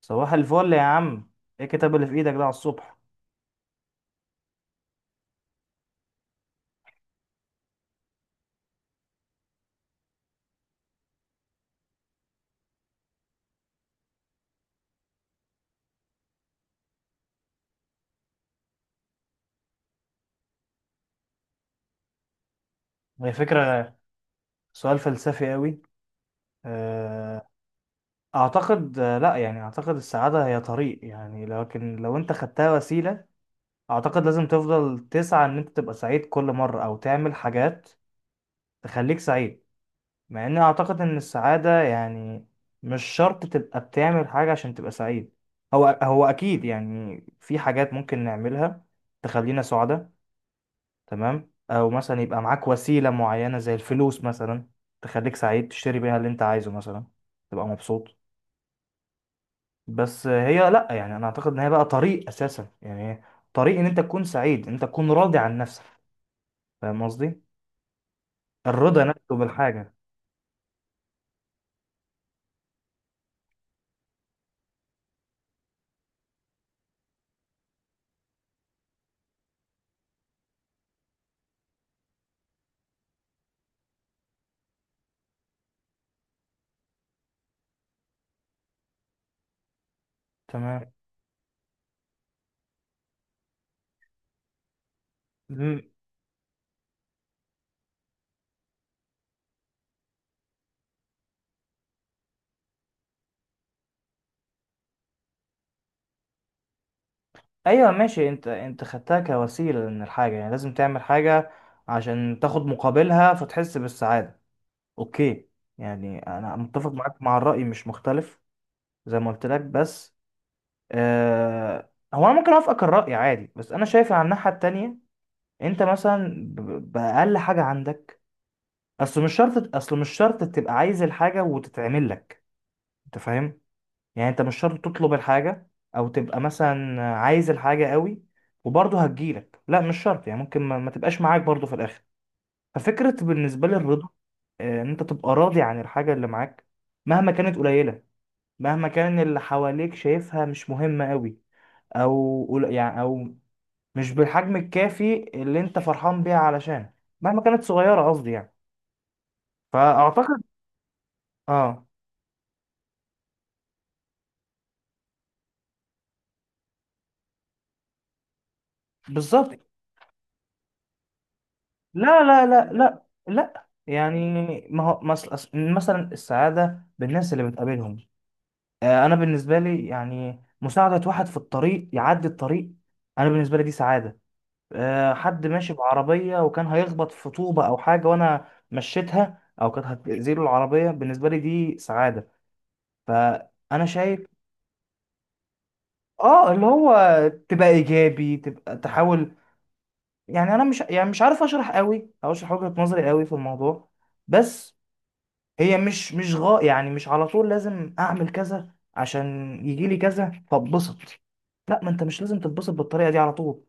صباح الفل يا عم. ايه الكتاب اللي في ايدك ده على الصبح؟ هي فكرة. سؤال فلسفي قوي. آه، اعتقد، لا يعني اعتقد السعادة هي طريق، يعني لكن لو انت خدتها وسيلة اعتقد لازم تفضل تسعى ان انت تبقى سعيد كل مرة او تعمل حاجات تخليك سعيد. مع اني اعتقد ان السعادة يعني مش شرط تبقى بتعمل حاجة عشان تبقى سعيد. هو اكيد، يعني في حاجات ممكن نعملها تخلينا سعداء. تمام، او مثلا يبقى معاك وسيلة معينة زي الفلوس مثلا تخليك سعيد، تشتري بيها اللي انت عايزه مثلا تبقى مبسوط. بس هي، لا يعني، انا اعتقد ان هي بقى طريق اساسا، يعني هي طريق ان انت تكون سعيد، انت تكون راضي عن نفسك. فاهم قصدي؟ الرضا نفسه بالحاجة. تمام. مم. ايوه ماشي، انت خدتها كوسيلة من الحاجة، يعني لازم تعمل حاجة عشان تاخد مقابلها فتحس بالسعادة. اوكي، يعني انا متفق معاك مع الرأي، مش مختلف زي ما قلت لك. بس، هو انا ممكن اوافقك الرأي عادي، بس انا شايف على الناحية التانية انت مثلا بأقل حاجة عندك. اصل مش شرط تبقى عايز الحاجة وتتعمل لك. انت فاهم؟ يعني انت مش شرط تطلب الحاجة او تبقى مثلا عايز الحاجة قوي وبرضه هتجيلك. لا مش شرط، يعني ممكن ما تبقاش معاك برضه في الاخر. ففكرة بالنسبة لي الرضا، ان انت تبقى راضي عن الحاجة اللي معاك مهما كانت قليلة، مهما كان اللي حواليك شايفها مش مهمة قوي، او يعني او مش بالحجم الكافي اللي انت فرحان بيها، علشان مهما كانت صغيرة قصدي يعني. فأعتقد. اه. بالظبط. لا، لا، لا، لا، لا، يعني ما هو مثلا السعادة بالناس اللي بتقابلهم. انا بالنسبة لي، يعني مساعدة واحد في الطريق يعدي الطريق، انا بالنسبة لي دي سعادة. حد ماشي بعربية وكان هيخبط في طوبة او حاجة وانا مشيتها، او كانت هتأذيله العربية، بالنسبة لي دي سعادة. ف انا شايف، اه اللي هو تبقى ايجابي، تبقى تحاول. يعني انا مش، يعني مش عارف اشرح قوي او اشرح وجهة نظري قوي في الموضوع، بس هي مش مش يعني مش على طول لازم اعمل كذا عشان يجي لي كذا فاتبسط. لا، ما انت مش لازم تتبسط بالطريقه دي على طول.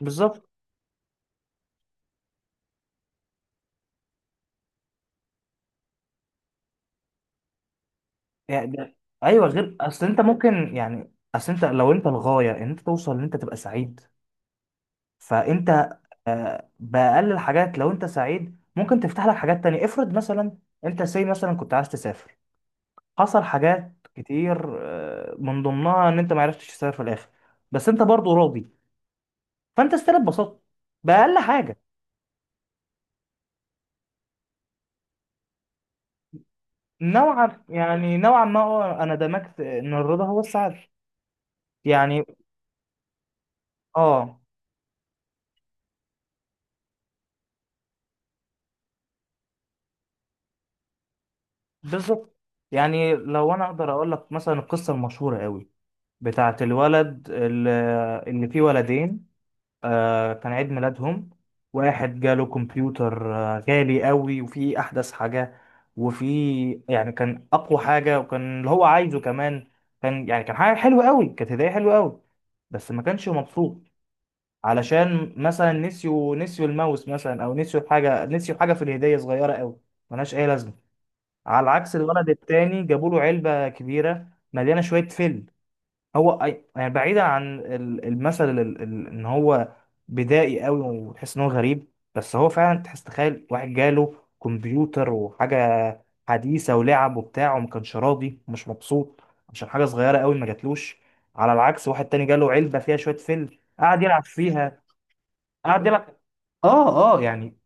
بالظبط. يعني ايوه غير، اصل انت لو انت الغايه ان انت توصل ان انت تبقى سعيد، فانت باقل الحاجات، لو انت سعيد ممكن تفتح لك حاجات تانية. افرض مثلا انت مثلا كنت عايز تسافر، حصل حاجات كتير من ضمنها ان انت ما عرفتش تسافر في الاخر، بس انت برضو راضي. فانت اتبسطت باقل حاجة. نوعا ما، هو انا دمجت ان الرضا هو السعادة، يعني. اه. بالظبط. يعني لو انا اقدر اقول لك مثلا القصة المشهورة قوي بتاعت الولد اللي فيه ولدين. كان عيد ميلادهم، واحد جاله كمبيوتر غالي قوي وفيه احدث حاجة، وفيه يعني كان اقوى حاجة، وكان اللي هو عايزه كمان. كان حاجة حلوة قوي، كانت هدية حلوة قوي، بس ما كانش مبسوط، علشان مثلا نسيوا الماوس مثلا، او نسيوا حاجة في الهدية صغيرة قوي، ملهاش اي لازمة. على عكس الولد التاني، جابوا له علبة كبيرة مليانة شوية فل. هو أي- يعني، بعيدا عن المثل، ان هو بدائي قوي وتحس ان هو غريب، بس هو فعلا تحس، تخيل واحد جاله كمبيوتر وحاجه حديثه ولعب وبتاع، وما كانش راضي ومش مبسوط عشان حاجه صغيره قوي ما جاتلوش. على العكس واحد تاني جاله علبه فيها شويه فيلم، قعد يلعب فيها. قعد يلعب. اه، اه، يعني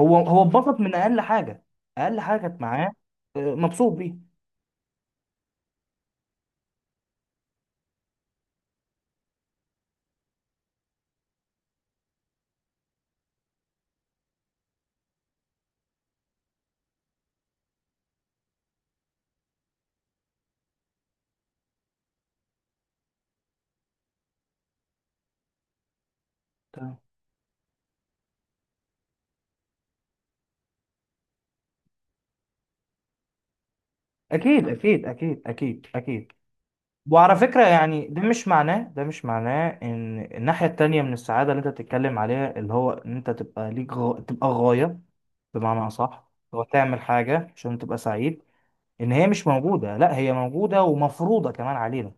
هو اتبسط من اقل حاجه، اقل حاجه كانت معاه، مبسوط بيه. تمام. اكيد، اكيد، اكيد، اكيد، اكيد. وعلى فكرة، يعني ده مش معناه ان الناحية التانية من السعادة اللي انت بتتكلم عليها، اللي هو ان انت تبقى ليك تبقى غاية، بمعنى اصح، هو تعمل حاجة عشان تبقى سعيد، ان هي مش موجودة. لا، هي موجودة ومفروضة كمان علينا.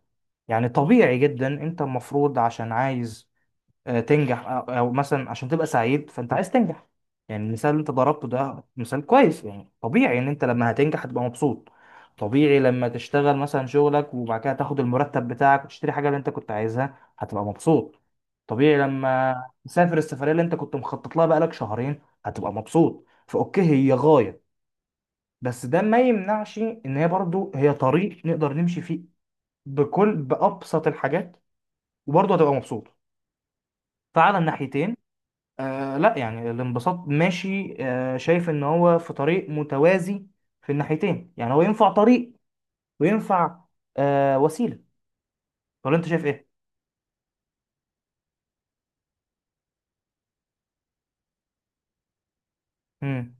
يعني طبيعي جدا انت المفروض عشان عايز تنجح، او مثلا عشان تبقى سعيد فانت عايز تنجح. يعني المثال اللي انت ضربته ده مثال كويس، يعني طبيعي ان انت لما هتنجح هتبقى مبسوط. طبيعي لما تشتغل مثلا شغلك وبعد كده تاخد المرتب بتاعك وتشتري حاجة اللي انت كنت عايزها، هتبقى مبسوط. طبيعي لما تسافر السفرية اللي انت كنت مخطط لها بقالك شهرين هتبقى مبسوط. فاوكي هي غاية، بس ده ما يمنعش ان هي برضو هي طريق نقدر نمشي فيه بأبسط الحاجات، وبرضه هتبقى مبسوط. فعلى الناحيتين، لا يعني الانبساط ماشي، شايف ان هو في طريق متوازي في الناحيتين. يعني هو ينفع طريق وينفع وسيلة. ولا انت شايف ايه؟ امم.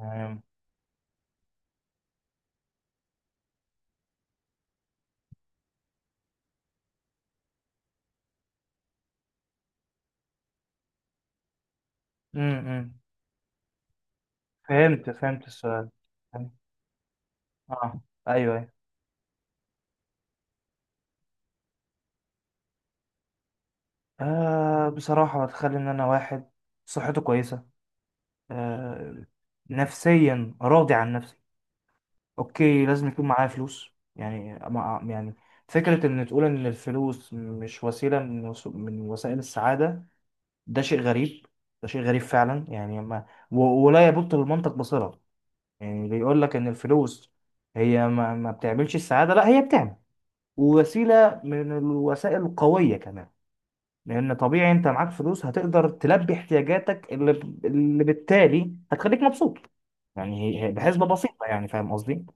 امم. امم. فهمت السؤال. فهمت. اه. ايوه، ايوه. بصراحة بتخلي ان انا واحد صحته كويسة، آه نفسيا راضي عن نفسي. اوكي لازم يكون معايا فلوس، يعني فكرة ان تقول ان الفلوس مش وسيلة من وسائل السعادة، ده شيء غريب ده شيء غريب فعلا، يعني ما و- ولا يبط للمنطق بصلة. يعني بيقول لك ان الفلوس هي ما بتعملش السعادة. لا، هي بتعمل، ووسيلة من الوسائل القوية كمان، لان طبيعي انت معاك فلوس هتقدر تلبي احتياجاتك اللي بالتالي هتخليك مبسوط. يعني هي بحسبة بسيطة، يعني فاهم قصدي؟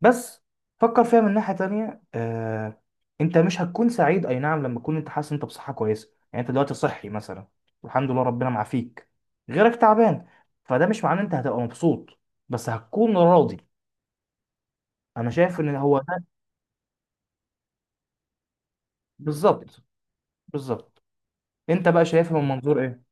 بس فكر فيها من ناحية تانية، انت مش هتكون سعيد، اي نعم لما تكون انت حاسس انت بصحة كويسة، يعني انت دلوقتي صحي مثلا، والحمد لله ربنا معافيك، غيرك تعبان، فده مش معناه انت هتبقى مبسوط، بس هتكون راضي. انا شايف ان هو ده. بالظبط، بالظبط. انت بقى شايفها من منظور ايه؟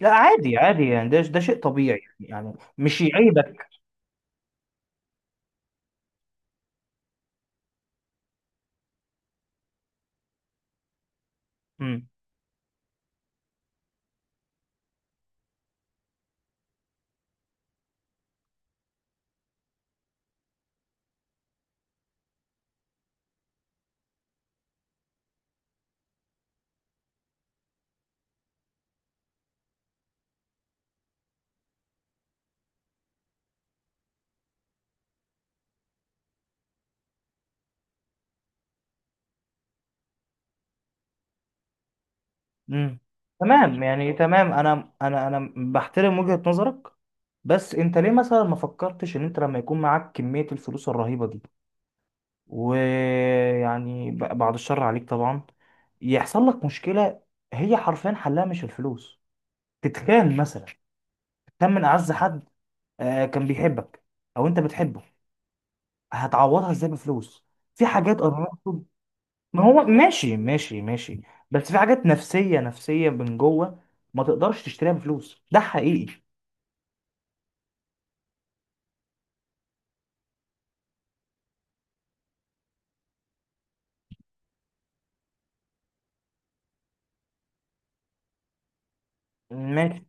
لا عادي، عادي، يعني ده شيء طبيعي، يعني مش يعيبك. مم. مم. تمام، انا انا بحترم وجهة نظرك. بس انت ليه مثلا ما فكرتش ان انت لما يكون معاك كمية الفلوس الرهيبة دي، ويعني بعد الشر عليك طبعا يحصل لك مشكلة، هي حرفيا حلها مش الفلوس. تتخان مثلا. تتخان من اعز حد، كان بيحبك او انت بتحبه. هتعوضها ازاي بفلوس؟ في حاجات. ما هو، ماشي، ماشي، ماشي، بس في حاجات نفسية، نفسية، من جوه، ما تقدرش تشتريها بفلوس. ده حقيقي. ماشي.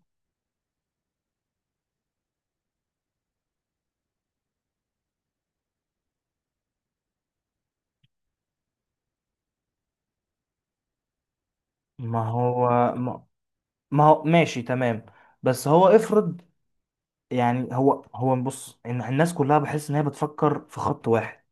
ما هو ما, ما هو ماشي تمام. بس هو افرض، يعني هو بص، إن الناس كلها بحس ان هي بتفكر في خط واحد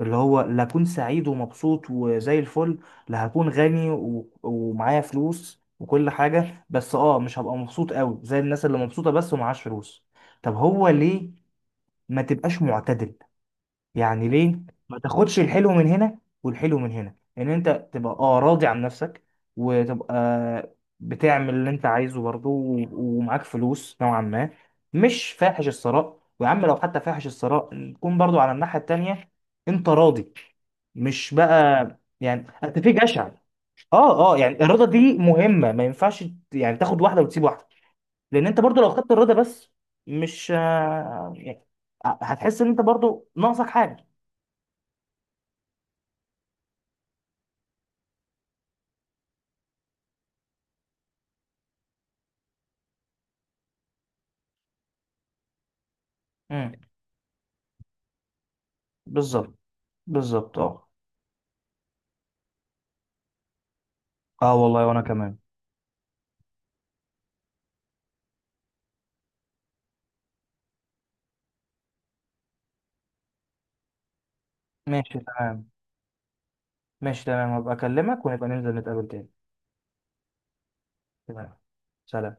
اللي هو، لا اكون سعيد ومبسوط وزي الفل، لا هكون غني ومعايا فلوس وكل حاجة، بس مش هبقى مبسوط قوي زي الناس اللي مبسوطة بس ومعاش فلوس. طب هو ليه ما تبقاش معتدل، يعني ليه ما تاخدش الحلو من هنا والحلو من هنا، ان انت تبقى راضي عن نفسك وتبقى بتعمل اللي انت عايزه برضه، ومعاك فلوس نوعا ما، مش فاحش الثراء. ويا عم لو حتى فاحش الثراء نكون برضه على الناحية التانية، انت راضي، مش بقى، يعني انت في جشع. اه، اه، يعني الرضا دي مهمة، ما ينفعش يعني تاخد واحدة وتسيب واحدة. لان انت برضه لو خدت الرضا بس، مش، يعني، هتحس ان انت برضه ناقصك حاجة. بالظبط، بالظبط. اه. اه والله، وانا كمان. ماشي تمام. ماشي تمام، هبقى اكلمك ونبقى ننزل نتقابل تاني. تمام. سلام.